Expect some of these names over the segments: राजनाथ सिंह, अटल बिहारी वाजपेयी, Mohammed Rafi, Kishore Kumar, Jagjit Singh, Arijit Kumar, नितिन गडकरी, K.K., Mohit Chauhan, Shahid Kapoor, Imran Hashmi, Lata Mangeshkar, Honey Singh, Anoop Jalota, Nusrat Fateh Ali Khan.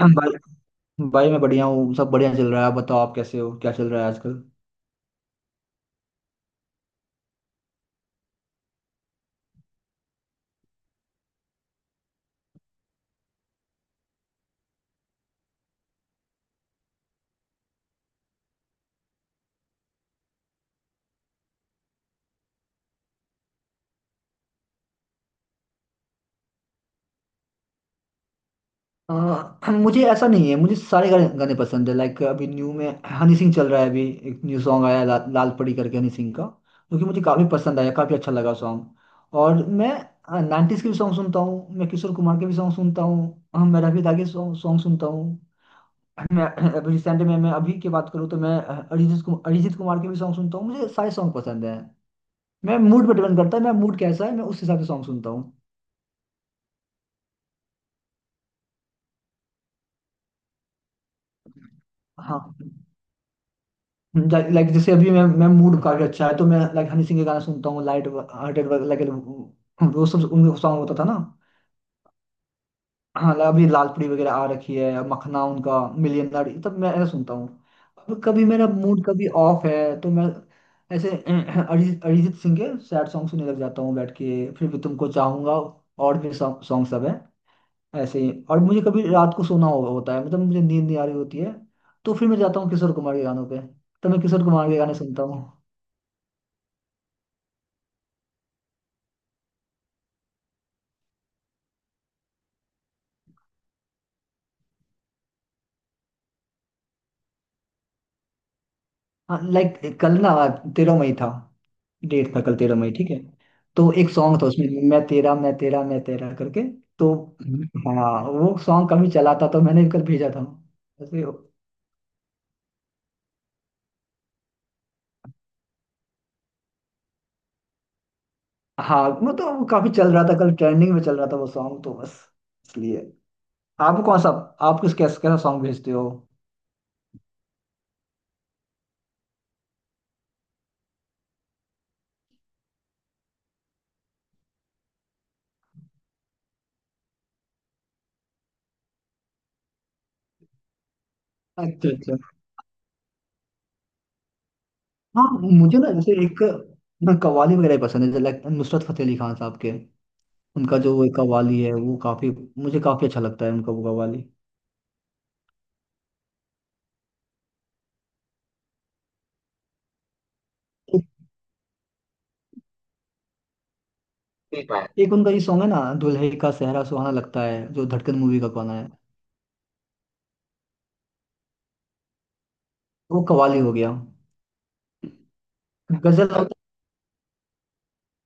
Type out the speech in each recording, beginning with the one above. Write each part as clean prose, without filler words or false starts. हम भाई। भाई मैं बढ़िया हूँ, सब बढ़िया चल रहा है। आप बताओ, आप कैसे हो, क्या चल रहा है आजकल? मुझे ऐसा नहीं है, मुझे सारे गाने गाने पसंद है। लाइक अभी न्यू में हनी सिंह चल रहा है। अभी एक न्यू सॉन्ग आया है, लाल परी करके, हनी सिंह का, जो कि मुझे काफ़ी पसंद आया, काफ़ी अच्छा लगा सॉन्ग। और मैं नाइन्टीज़ के भी सॉन्ग सुनता हूँ, मैं किशोर कुमार के भी सॉन्ग सुनता हूँ, मैं रफी दा के सॉन्ग सॉन्ग सुनता हूँ। मैं अभी रिसेंट में, मैं अभी की बात करूँ तो मैं अरिजीत कुमार के भी सॉन्ग सुनता हूँ। मुझे सारे सॉन्ग पसंद हैं। मैं मूड पर डिपेंड करता है, मैं मूड कैसा है, मैं उस हिसाब से सॉन्ग सुनता हूँ। हाँ, लाइक जैसे अभी मैं मूड काफी अच्छा है तो मैं लाइक हनी सिंह के गाने सुनता हूँ, लाइट हार्टेड वगैरह। वो सब उनका सॉन्ग होता था ना। हाँ, अभी लालपरी वगैरह आ रखी है, मखना उनका, मिलियनर, ये सब मैं ऐसा सुनता हूँ। अब कभी मेरा मूड कभी ऑफ है तो मैं ऐसे अरिजीत अरिजीत सिंह के सैड सॉन्ग सुनने लग जाता हूँ, बैठ के, फिर भी तुमको चाहूंगा और भी सॉन्ग सॉन्ग सब है, ऐसे ही। और मुझे कभी रात को होता है, मतलब मुझे नींद नहीं आ रही होती है, तो फिर मैं जाता हूँ किशोर कुमार के गानों पे, तो मैं किशोर कुमार के गाने सुनता हूँ। हाँ, लाइक कल ना 13 मई था, डेट था, कल 13 मई ठीक है। तो एक सॉन्ग था उसमें, मैं तेरा मैं तेरा मैं तेरा करके, तो हाँ, वो सॉन्ग कभी चला था तो मैंने कल भेजा था, ऐसे। हाँ, मतलब वो काफी चल रहा था, कल ट्रेंडिंग में चल रहा था वो सॉन्ग, तो बस इसलिए। आप कौन सा, आप किस, कैसा कैसा सॉन्ग भेजते हो? अच्छा अच्छा। हाँ, मुझे ना जैसे एक ना कव्वाली वगैरह पसंद है, जैसे like नुसरत फतेह अली खान साहब के, उनका जो वो कव्वाली है, वो काफी मुझे काफी अच्छा लगता है उनका वो कव्वाली। एक, एक उनका ये सॉन्ग है ना, दुल्हे का सेहरा सुहाना लगता है, जो धड़कन मूवी का गाना है, वो कव्वाली हो गया। गजल होता है।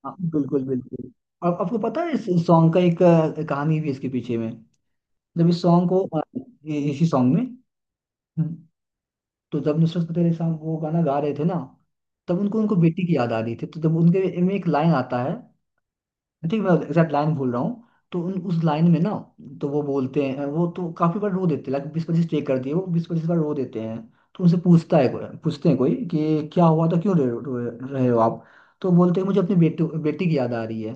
हाँ, बिल्कुल बिल्कुल। और आपको पता है इस सॉन्ग का एक कहानी भी इसके पीछे में। जब इस सॉन्ग को अ, इसी सॉन्ग में, तो जब नुसरत फतेह अली साहब वो गाना गा रहे थे ना, तब उनको उनको बेटी की याद आ रही थी। तो जब उनके में एक लाइन आता है, आई थिंक मैं एग्जैक्ट लाइन भूल रहा हूँ, तो उन उस लाइन में ना, तो वो बोलते हैं, वो तो काफी बार रो देते हैं, लाइक 20-25 टेक करती है, वो 20-25 बार रो देते हैं। तो उनसे पूछता है कोई, पूछते हैं कोई कि क्या हुआ था, क्यों रो रहे हो आप? तो बोलते हैं मुझे अपनी बेटी बेटी की याद आ रही है।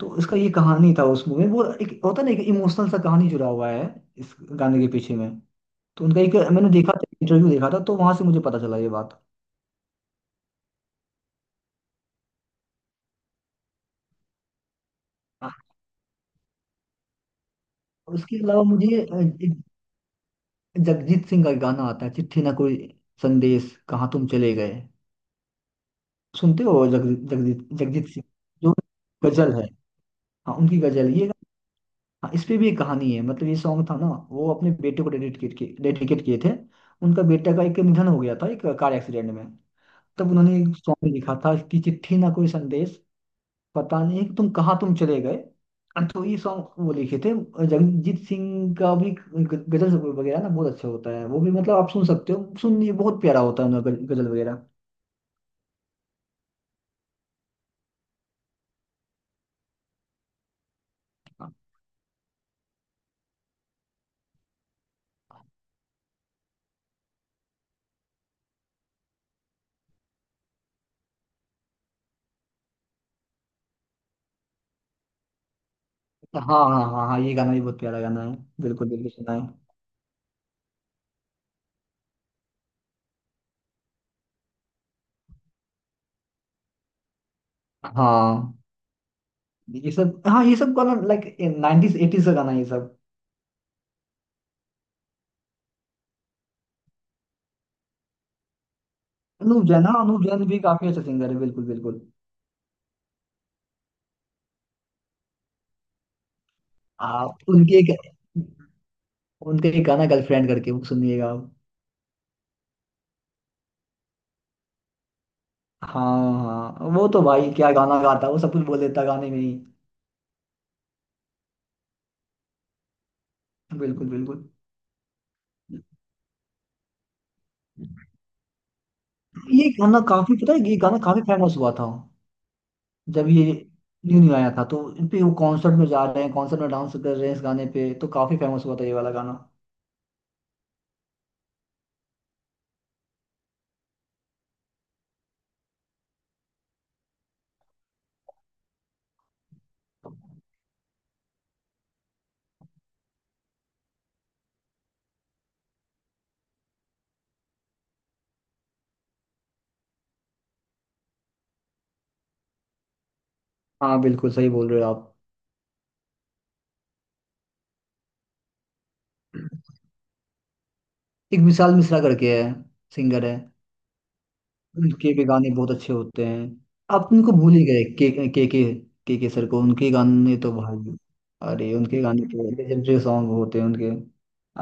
तो इसका ये कहानी था उस मूवी में, वो एक होता है ना एक इमोशनल सा कहानी जुड़ा हुआ है इस गाने के पीछे में। तो उनका एक मैंने देखा था, इंटरव्यू देखा था, तो वहां से मुझे पता चला ये बात। हाँ, उसके अलावा मुझे एक जगजीत सिंह का एक गाना आता है, चिट्ठी ना कोई संदेश, कहाँ तुम चले गए। सुनते हो जगजीत, जगजीत सिंह, जो गजल है? हाँ, उनकी गजल ये। हाँ, इस पे भी एक कहानी है, मतलब ये सॉन्ग था ना, वो अपने बेटे को डेडिकेट किए थे, उनका बेटा का एक निधन हो गया था एक कार एक्सीडेंट में। तब उन्होंने एक सॉन्ग लिखा था कि चिट्ठी ना कोई संदेश, पता नहीं तुम कहाँ तुम चले गए, तो ये सॉन्ग वो लिखे थे। जगजीत सिंह का भी गजल वगैरह ना बहुत अच्छा होता है, वो भी मतलब आप सुन सकते हो सुन, ये बहुत प्यारा होता है उनका गजल वगैरह। हाँ हाँ हाँ। हाँ, ये गाना भी बहुत प्यारा गाना है, बिल्कुल बिल्कुल सुना है। हाँ, ये सब, हाँ ये सब गाना लाइक नाइनटीज एटीज का गाना है ये सब। अनूप जैन, हाँ अनूप जैन भी काफी अच्छा सिंगर है, बिल्कुल बिल्कुल। आप उनके एक, उनके एक गाना गर्लफ्रेंड करके वो सुनिएगा आप। हाँ हाँ, वो तो भाई क्या गाना गाता है, वो सब कुछ बोल देता है गाने में ही। बिल्कुल बिल्कुल। ये गाना काफी, पता है ये गाना काफी फेमस हुआ था जब ये न्यू न्यू आया था, तो इन पे वो कॉन्सर्ट में जा रहे हैं, कॉन्सर्ट में डांस कर रहे हैं इस गाने पे, तो काफी फेमस हुआ था ये वाला गाना। हाँ, बिल्कुल सही बोल रहे हो आप। एक विशाल मिश्रा करके है, सिंगर है, के गाने बहुत अच्छे होते हैं। आप उनको भूल ही गए, के के के सर को, उनके गाने तो भाई! अरे उनके गाने तो लेजेंडरी सॉन्ग होते हैं उनके।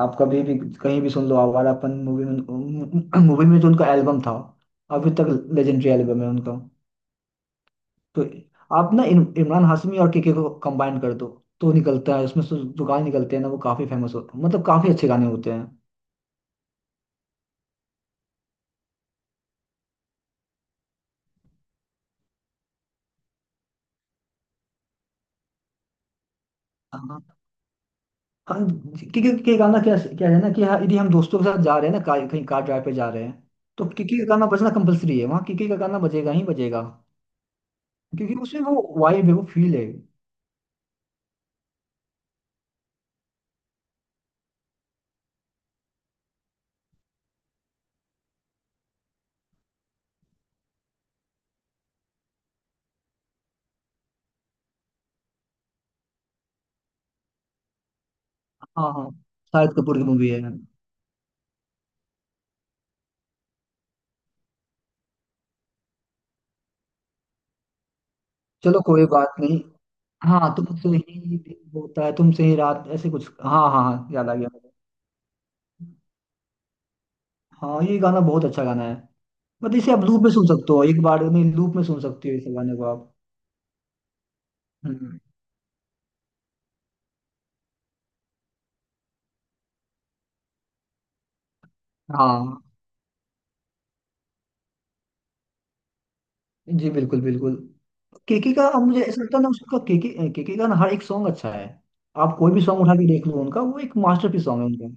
आप कभी भी कहीं भी सुन लो, आवारापन मूवी में जो उनका एल्बम था, अभी तक लेजेंडरी एल्बम है उनका। तो आप ना इमरान हाशमी और के को कंबाइन कर दो, तो निकलता है उसमें से जो गाने निकलते हैं ना, वो काफी फेमस होते हैं, मतलब काफी अच्छे गाने होते हैं। हाँ, क्योंकि क्योंकि कहना क्या क्या है ना, कि हाँ, यदि हम दोस्तों के साथ जा रहे हैं ना, कहीं कार ड्राइव पे जा रहे हैं, तो किकी का गाना बजना कंपलसरी है, वहाँ किकी का गाना बजेगा ही बजेगा, क्योंकि उसमें वो वाइब है, वो फील है। हाँ हाँ, शाहिद कपूर की मूवी है। चलो कोई बात नहीं। हाँ तुमसे ही दिन होता है, तुमसे ही रात, ऐसे कुछ, हाँ हाँ हाँ याद आ गया मुझे। हाँ, ये गाना बहुत अच्छा गाना है, मतलब इसे आप लूप में सुन सकते हो, एक बार नहीं, लूप में सुन सकते हो इस गाने को आप। हम्म, हाँ जी, बिल्कुल बिल्कुल। केके का, अब मुझे ऐसा लगता है ना उसका, केके केके का ना हर एक सॉन्ग अच्छा है। आप कोई भी सॉन्ग उठा के देख लो उनका, वो एक मास्टरपीस सॉन्ग है उनका।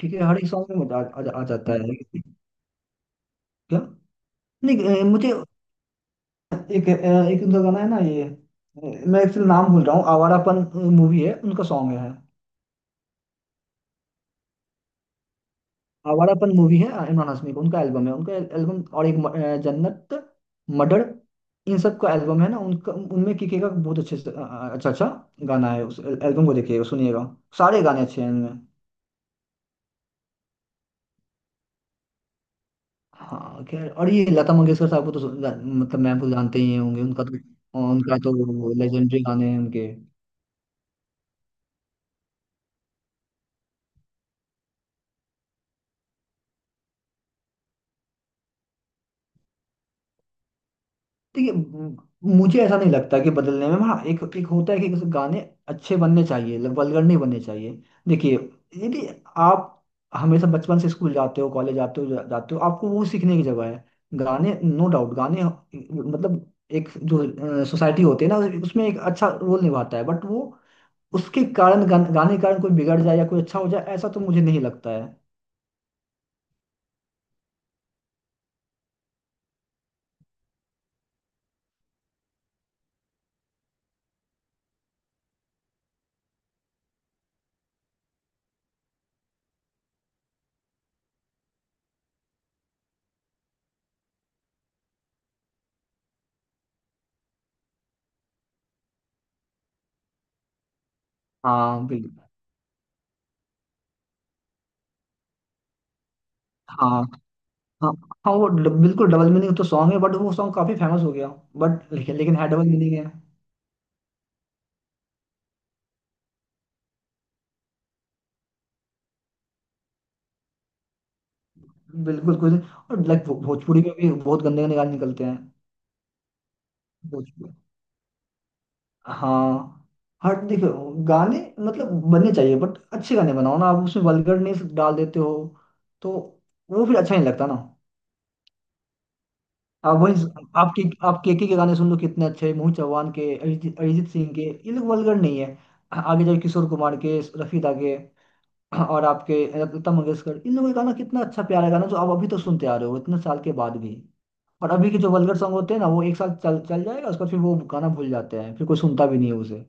ठीक है, हर एक सॉन्ग में आ जाता है। क्या? नहीं, मुझे एक, एक उनका गाना है ना ये, मैं एक्चुअली नाम भूल रहा हूँ। आवारापन मूवी है, उनका सॉन्ग है। आवारापन मूवी है इमरान हाशमी का, उनका एल्बम है, उनका एल्बम, और एक जन्नत, मर्डर, इन सब का एल्बम है ना उनका, उनमें किके का बहुत अच्छे से अच्छा अच्छा गाना है। उस एल्बम को देखिएगा सुनिएगा, सारे गाने अच्छे हैं इनमें। हाँ खैर, और ये लता मंगेशकर साहब को तो मतलब मैम को जानते ही होंगे, उनका तो, उनका तो लेजेंडरी गाने हैं उनके। देखिए मुझे ऐसा नहीं लगता कि बदलने में, हाँ एक, एक होता है कि गाने अच्छे बनने चाहिए, वल्गर नहीं बनने चाहिए। देखिए, यदि आप हमेशा बचपन से स्कूल जाते हो, कॉलेज जाते हो, जाते हो, आपको वो सीखने की जगह है। गाने नो डाउट गाने, मतलब एक जो सोसाइटी होती है ना, उसमें एक अच्छा रोल निभाता है, बट वो उसके कारण गाने के कारण कोई बिगड़ जाए या कोई अच्छा हो जाए, ऐसा तो मुझे नहीं लगता है। हाँ बिल्कुल। हाँ हाँ हाँ, वो बिल्कुल डबल मीनिंग तो सॉन्ग है, बट वो सॉन्ग काफी फेमस हो गया, बट लेकिन लेकिन है, डबल मीनिंग है। बिल्कुल कुछ। और लाइक भोजपुरी में भी बहुत गंदे गंदे गाने निकलते हैं। भोजपुरी, हाँ, हर देखो गाने मतलब बनने चाहिए, बट अच्छे गाने बनाओ ना, आप उसमें वल्गरनेस डाल देते हो, तो वो फिर अच्छा नहीं लगता ना। आप वही, आप केके के गाने सुन लो कितने अच्छे हैं, मोहित चौहान के, अरिजीत अरिजीत सिंह के, ये लोग वल्गर नहीं है। आगे जाके किशोर कुमार के, रफी दा के, हाँ, और आपके लता मंगेशकर, इन लोगों का गाना कितना अच्छा प्यारा गाना, जो आप अभी तो सुनते आ रहे हो इतने साल के बाद भी। और अभी के जो वल्गर सॉन्ग होते हैं ना, वो एक साल चल चल जाएगा, उसके बाद फिर वो गाना भूल जाते हैं, फिर कोई सुनता भी नहीं है उसे।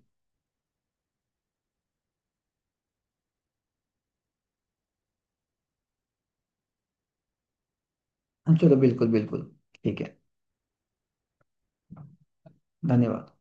चलो बिल्कुल बिल्कुल, ठीक है। धन्यवाद।